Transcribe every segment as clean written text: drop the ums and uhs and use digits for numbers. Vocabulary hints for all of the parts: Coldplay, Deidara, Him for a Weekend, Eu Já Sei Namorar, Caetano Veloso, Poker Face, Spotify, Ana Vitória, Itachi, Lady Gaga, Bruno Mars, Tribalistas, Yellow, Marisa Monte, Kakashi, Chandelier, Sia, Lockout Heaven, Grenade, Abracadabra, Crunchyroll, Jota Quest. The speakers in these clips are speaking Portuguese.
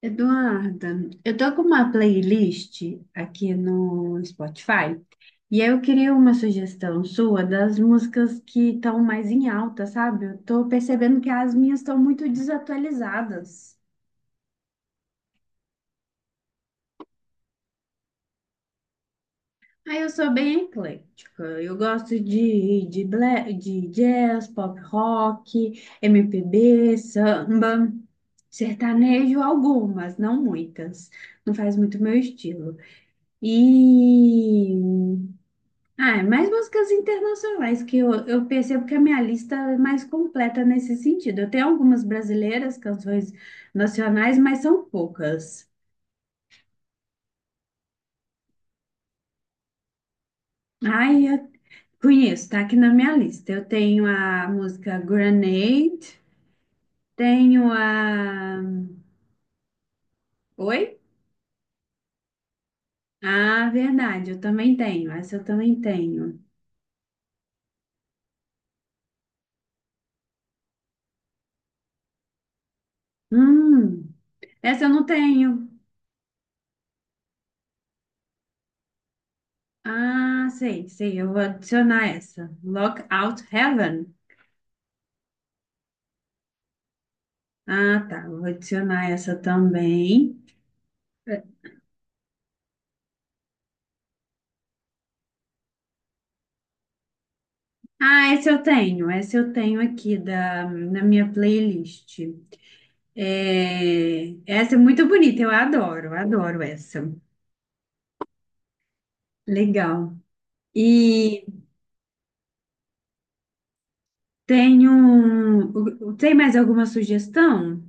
Eduarda, eu tô com uma playlist aqui no Spotify e aí eu queria uma sugestão sua das músicas que estão mais em alta, sabe? Eu tô percebendo que as minhas estão muito desatualizadas. Aí eu sou bem eclética, eu gosto de jazz, pop rock, MPB, samba, sertanejo, algumas, não muitas, não faz muito meu estilo. E É mais músicas internacionais, que eu percebo que a minha lista é mais completa nesse sentido. Eu tenho algumas brasileiras, canções nacionais, mas são poucas. Ai, eu conheço, tá aqui na minha lista. Eu tenho a música Grenade, tenho a. Oi? Ah, verdade, eu também tenho. Essa eu também tenho. Hum, essa eu não tenho. Ah, sei, sei, eu vou adicionar essa. Lockout Heaven. Ah, tá. Vou adicionar essa também. Ah, essa eu tenho. Essa eu tenho aqui na minha playlist. É, essa é muito bonita. Eu adoro, adoro essa. Legal. E tenho. Tem mais alguma sugestão?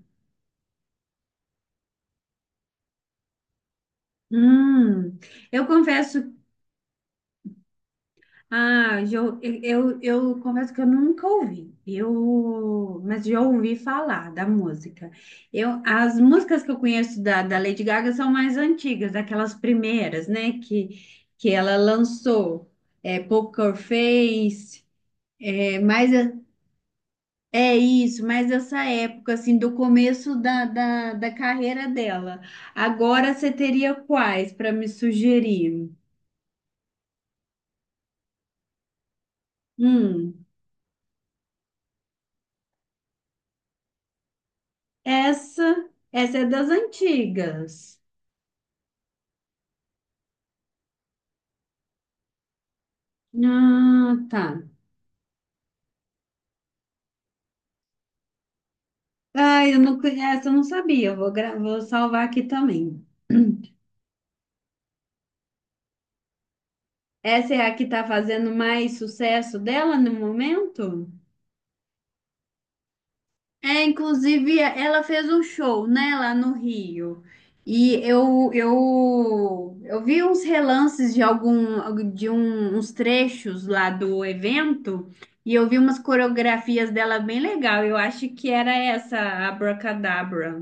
Hum, eu confesso. Ah, já eu, eu confesso que eu nunca ouvi, eu, mas já ouvi falar da música. Eu, as músicas que eu conheço da Lady Gaga são mais antigas, aquelas primeiras, né, que ela lançou, é, Poker Face, é, mais a- é isso. Mas essa época, assim, do começo da carreira dela. Agora você teria quais para me sugerir? Hum. Essa é das antigas. Ah, tá. Ah, eu não conheço, essa eu não sabia. Eu vou salvar aqui também. Essa é a que tá fazendo mais sucesso dela no momento? É, inclusive, ela fez um show, né, lá no Rio. E eu vi uns relances de uns trechos lá do evento, e eu vi umas coreografias dela bem legal. Eu acho que era essa, a Abracadabra.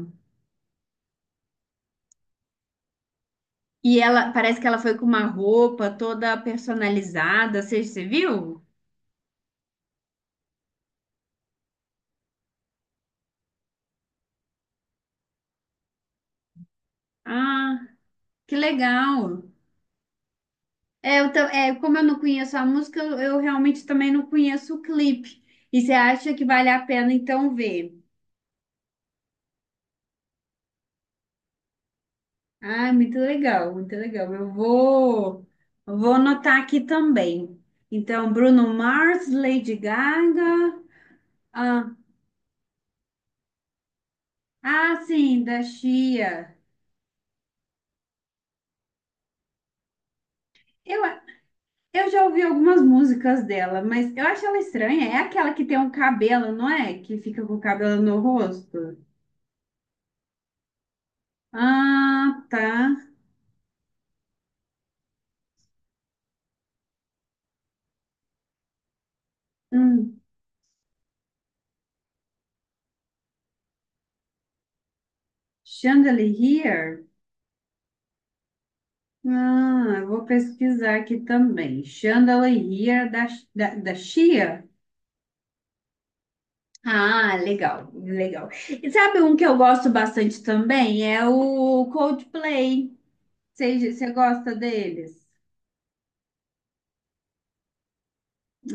E ela, parece que ela foi com uma roupa toda personalizada, você viu? Ah, que legal. É, como eu não conheço a música, eu realmente também não conheço o clipe. E você acha que vale a pena então ver? Ah, muito legal, muito legal. Eu vou anotar aqui também. Então, Bruno Mars, Lady Gaga. Ah, ah, sim, da Sia. Eu, eu já ouvi algumas músicas dela, mas eu acho ela estranha. É aquela que tem um cabelo, não é? Que fica com o cabelo no rosto. Ah, tá. Hum. Chandelier? Ah, eu vou pesquisar aqui também. Chandelier da Chia? Ah, legal, legal. E sabe um que eu gosto bastante também? É o Coldplay. Você gosta deles?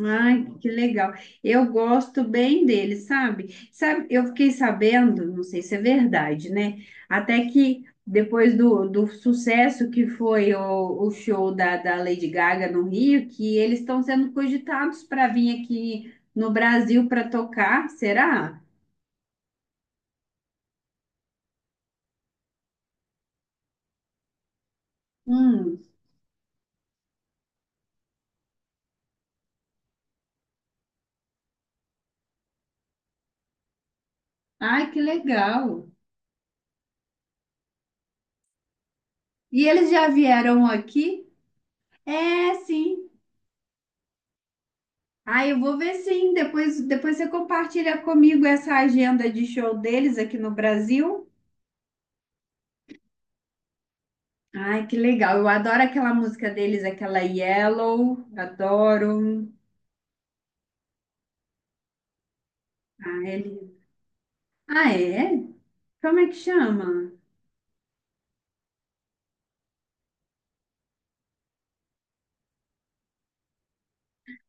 Ai, que legal. Eu gosto bem dele, sabe? Sabe, eu fiquei sabendo, não sei se é verdade, né? Até que depois do sucesso que foi o show da Lady Gaga no Rio, que eles estão sendo cogitados para vir aqui no Brasil para tocar, será? Hum. Ai, que legal. E eles já vieram aqui? É, sim. Ah, eu vou ver sim. Depois você compartilha comigo essa agenda de show deles aqui no Brasil. Ai, que legal. Eu adoro aquela música deles, aquela Yellow. Adoro. Ah, ele... ah, é? Como é que chama?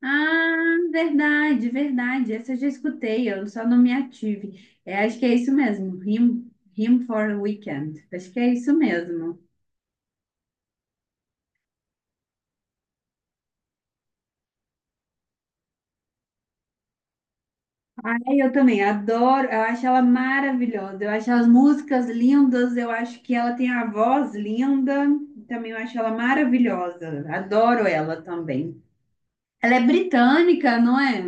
Ah, verdade, verdade. Essa eu já escutei, eu só não me ative. É, acho que é isso mesmo. Him, Him for a Weekend. Acho que é isso mesmo. Ai, eu também adoro, eu acho ela maravilhosa, eu acho as músicas lindas, eu acho que ela tem a voz linda, também eu acho ela maravilhosa, adoro ela também. Ela é britânica, não é?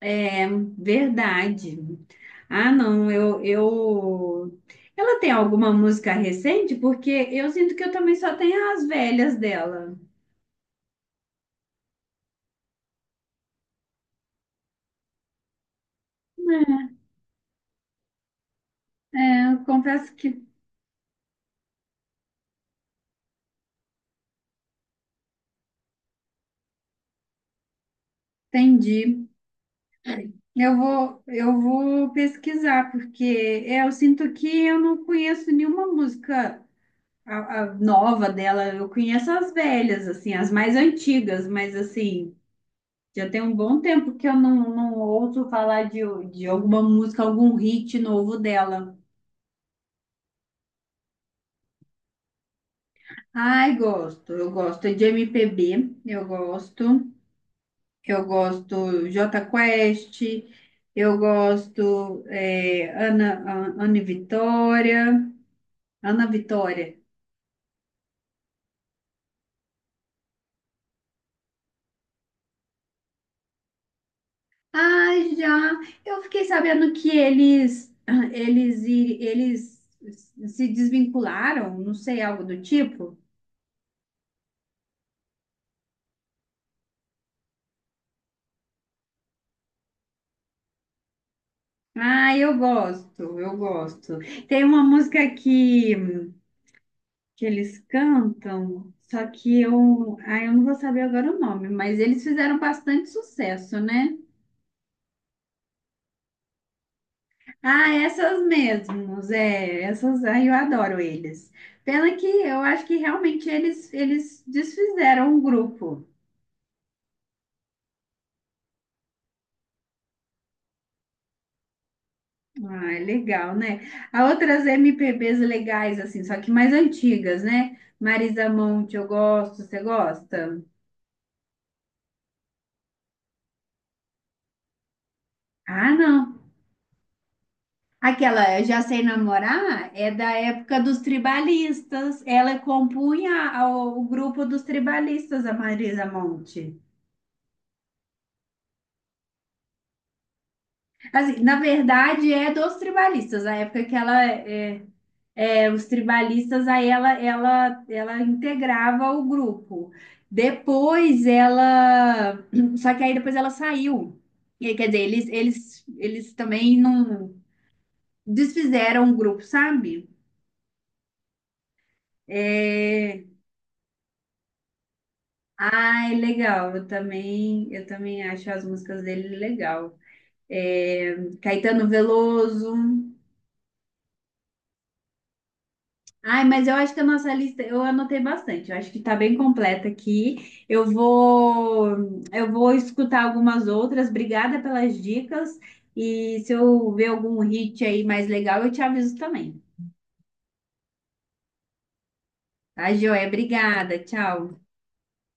É verdade. Ah, não, ela tem alguma música recente? Porque eu sinto que eu também só tenho as velhas dela. Eu confesso que entendi. Eu vou pesquisar, porque é, eu sinto que eu não conheço nenhuma música a nova dela. Eu conheço as velhas, assim, as mais antigas, mas assim, já tem um bom tempo que eu não, não ouço falar de alguma música, algum hit novo dela. Ai, gosto, eu gosto de MPB, eu gosto Jota Quest, eu gosto é, Ana Vitória. Ana Vitória. Ah, já. Eu fiquei sabendo que eles ah, eles iri- eles se desvincularam, não sei, algo do tipo. Ah, eu gosto, eu gosto. Tem uma música que eles cantam, só que eu, ah, eu não vou saber agora o nome, mas eles fizeram bastante sucesso, né? Ah, essas mesmos, é, essas, ai, eu adoro eles. Pena que eu acho que realmente eles desfizeram o grupo. Ah, é legal, né? Há outras MPBs legais, assim, só que mais antigas, né? Marisa Monte, eu gosto, você gosta? Ah, não. Aquela Eu Já Sei Namorar é da época dos tribalistas. Ela compunha o grupo dos tribalistas, a Marisa Monte. Assim, na verdade, é dos tribalistas, a época que ela é. É, os tribalistas, aí ela integrava o grupo. Depois ela. Só que aí depois ela saiu. E aí, quer dizer, eles também não desfizeram o grupo, sabe? É... Ai, legal. Eu também acho as músicas dele legal. É, Caetano Veloso. Ai, mas eu acho que a nossa lista, eu anotei bastante, eu acho que está bem completa aqui. Eu vou escutar algumas outras. Obrigada pelas dicas. E se eu ver algum hit aí mais legal, eu te aviso também. Tá, joia? Obrigada. Tchau.